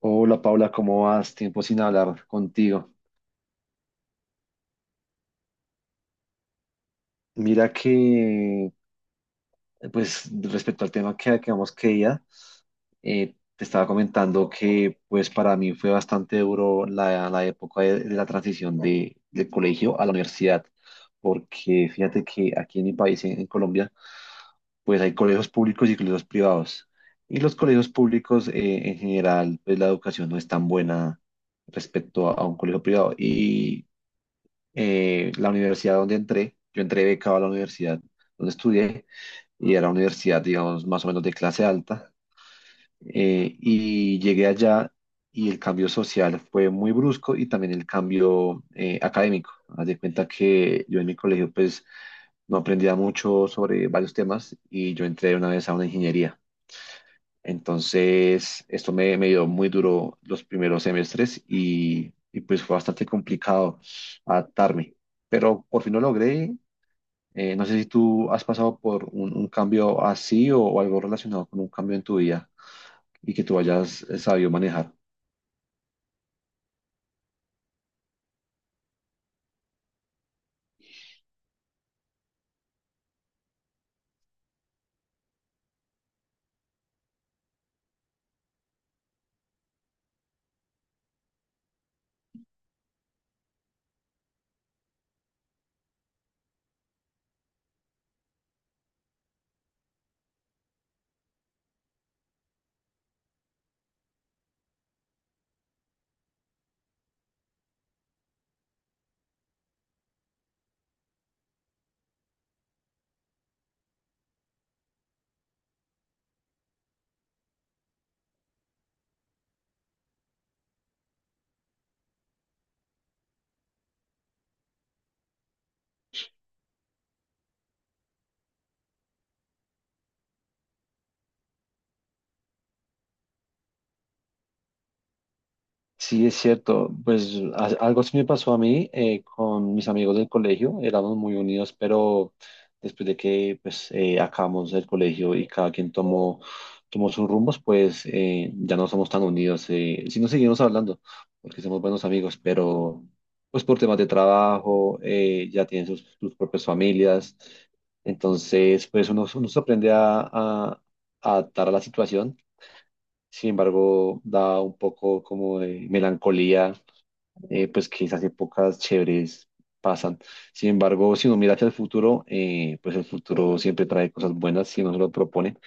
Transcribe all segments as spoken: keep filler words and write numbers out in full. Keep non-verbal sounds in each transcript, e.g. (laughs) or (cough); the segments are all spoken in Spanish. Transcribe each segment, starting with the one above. Hola Paula, ¿cómo vas? Tiempo sin hablar contigo. Mira que, pues respecto al tema que acabamos que día, eh, te estaba comentando que pues para mí fue bastante duro la, la época de, de la transición de, del colegio a la universidad, porque fíjate que aquí en mi país, en en Colombia, pues hay colegios públicos y colegios privados. Y los colegios públicos, eh, en general, pues la educación no es tan buena respecto a, a un colegio privado. Y eh, la universidad donde entré, yo entré becado a la universidad donde estudié y era una universidad, digamos, más o menos de clase alta. Eh, y llegué allá y el cambio social fue muy brusco y también el cambio eh, académico. Haz de cuenta que yo en mi colegio pues no aprendía mucho sobre varios temas y yo entré de una vez a una ingeniería. Entonces, esto me, me dio muy duro los primeros semestres y, y pues fue bastante complicado adaptarme, pero por fin lo logré. Eh, no sé si tú has pasado por un, un cambio así o, o algo relacionado con un cambio en tu vida y que tú hayas eh, sabido manejar. Sí, es cierto. Pues a- algo sí me pasó a mí, eh, con mis amigos del colegio. Éramos muy unidos, pero después de que pues, eh, acabamos el colegio y cada quien tomó, tomó sus rumbos, pues eh, ya no somos tan unidos. Eh, sí nos seguimos hablando, porque somos buenos amigos, pero pues por temas de trabajo, eh, ya tienen sus, sus propias familias. Entonces, pues uno, uno se aprende a, a a adaptar a la situación, sin embargo, da un poco como de melancolía, eh, pues que esas épocas chéveres pasan. Sin embargo, si uno mira hacia el futuro, eh, pues el futuro siempre trae cosas buenas si uno se lo propone.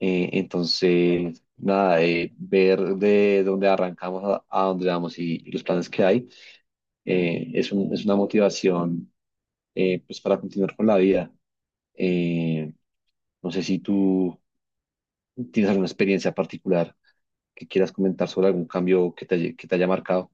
Eh, entonces, nada, eh, ver de dónde arrancamos a, a dónde vamos y, y los planes que hay, eh, es un- es una motivación, eh, pues para continuar con la vida. Eh, no sé si tú ¿Tienes alguna experiencia particular que quieras comentar sobre algún cambio que te, haya- que te haya marcado?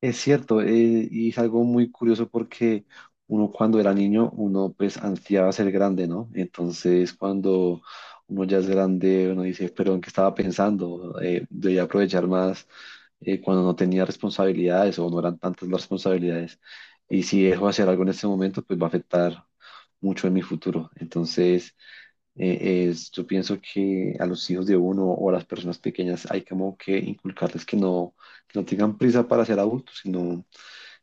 Es cierto, eh, y es algo muy curioso porque uno cuando era niño, uno pues ansiaba ser grande, ¿no? Entonces cuando uno ya es grande, uno dice, pero ¿en qué estaba pensando? Eh, debía aprovechar más eh, cuando no tenía responsabilidades o no eran tantas las responsabilidades. Y si dejo de hacer algo en este momento, pues va a afectar mucho en mi futuro. Entonces… Eh, es- yo pienso que a los hijos de uno o a las personas pequeñas hay como que inculcarles que no, que no tengan prisa para ser adultos, sino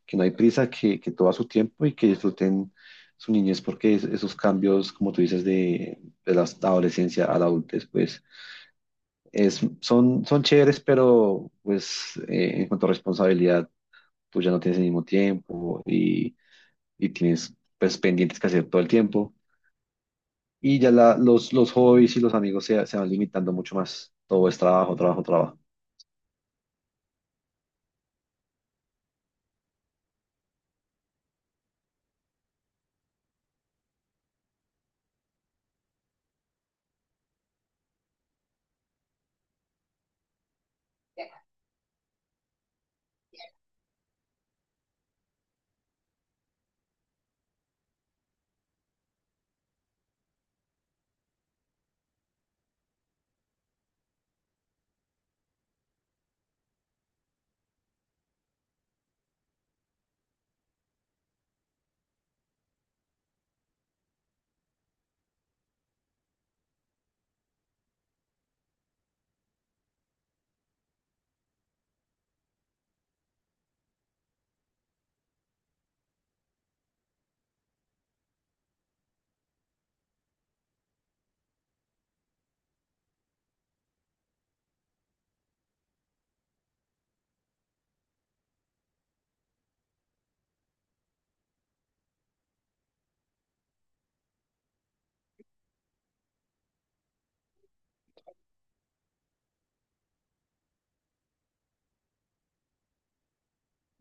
que no hay prisa, que, que todo a su tiempo y que disfruten su niñez, porque es- esos cambios, como tú dices, de, de la adolescencia a la adultez, pues es, son, son chéveres, pero pues eh, en cuanto a responsabilidad, tú ya no tienes el mismo tiempo y, y tienes pues pendientes que hacer todo el tiempo. Y ya la- los, los hobbies y los amigos se, se van limitando mucho más. Todo es trabajo, trabajo, trabajo.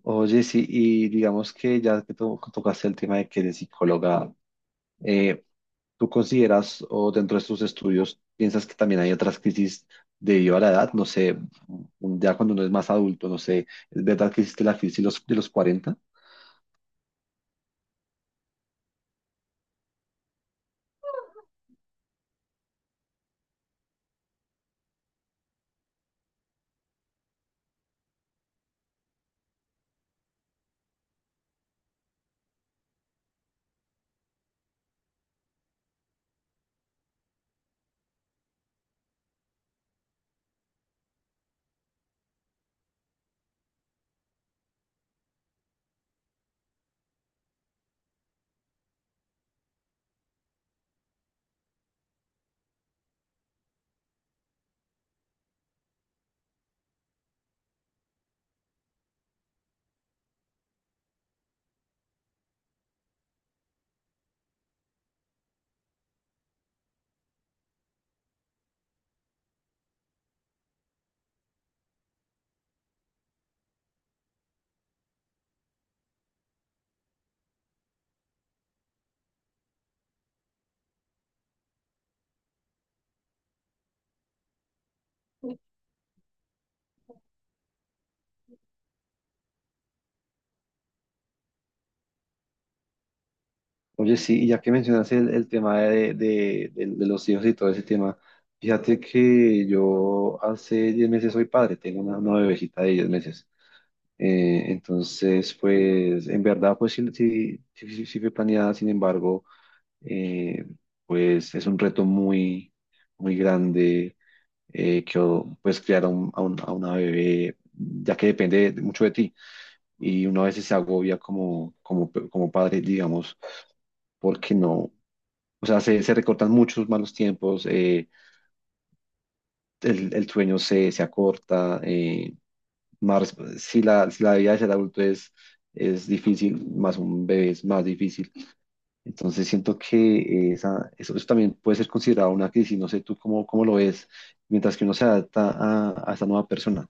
Oye, sí, y digamos que ya que to- tocaste el tema de que eres psicóloga, eh, ¿tú consideras o dentro de tus estudios piensas que también hay otras crisis debido a la edad? No sé, un- ya cuando uno es más adulto, no sé, ¿es verdad que existe la crisis de los, de los cuarenta? Oye, sí, y ya que mencionas el, el tema de, de, de- de los hijos y todo ese tema, fíjate que yo hace diez meses soy padre, tengo una, una bebecita de diez meses. Eh, entonces, pues, en verdad, pues sí, sí, sí, sí- sí fue planeada, sin embargo, eh, pues es un reto muy, muy grande, eh, que o- pues criar a, un- a un- a una bebé, ya que depende de- mucho de ti. Y uno a veces se agobia como, como, como padre, digamos, porque no, o sea, se, se recortan muchos malos tiempos, eh, el, el sueño se, se acorta, eh, más, si la, si la vida de ser adulto es, es difícil, más un bebé es más difícil. Entonces siento que esa, eso, eso también puede ser considerado una crisis, no sé tú cómo, cómo lo ves, mientras que uno se adapta a, a esta nueva persona.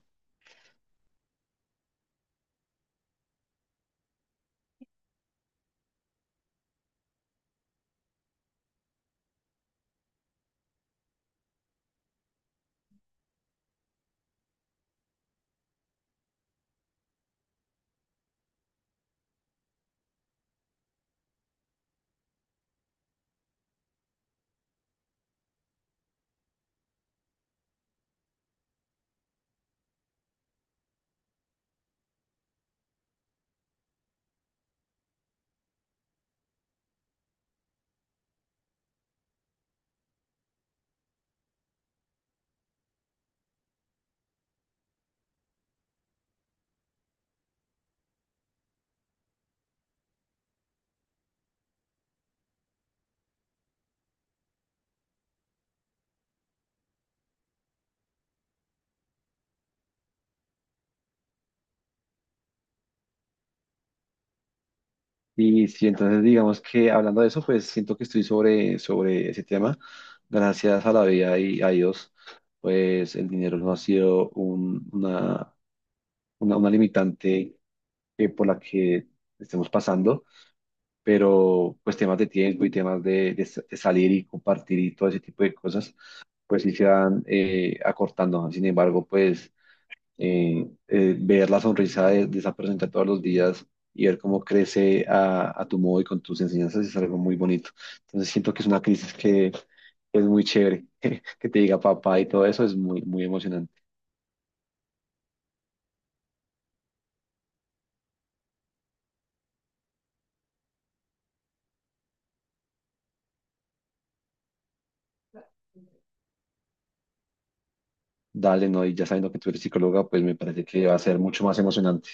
Y sí, entonces digamos que hablando de eso, pues siento que estoy sobre, sobre ese tema, gracias a la vida y a Dios, pues el dinero no ha sido un, una una, una limitante eh, por la que estemos pasando, pero pues temas de tiempo y temas de, de sa- de salir y compartir y todo ese tipo de cosas, pues sí se van eh, acortando. Sin embargo, pues eh, eh, ver la sonrisa de, de esa persona todos los días y ver cómo crece a, a tu modo y con tus enseñanzas es algo muy bonito. Entonces siento que es una crisis que es muy chévere, (laughs) que te diga papá y todo eso es muy, muy emocionante. Dale, no, y ya sabiendo que tú eres psicóloga, pues me parece que va a ser mucho más emocionante.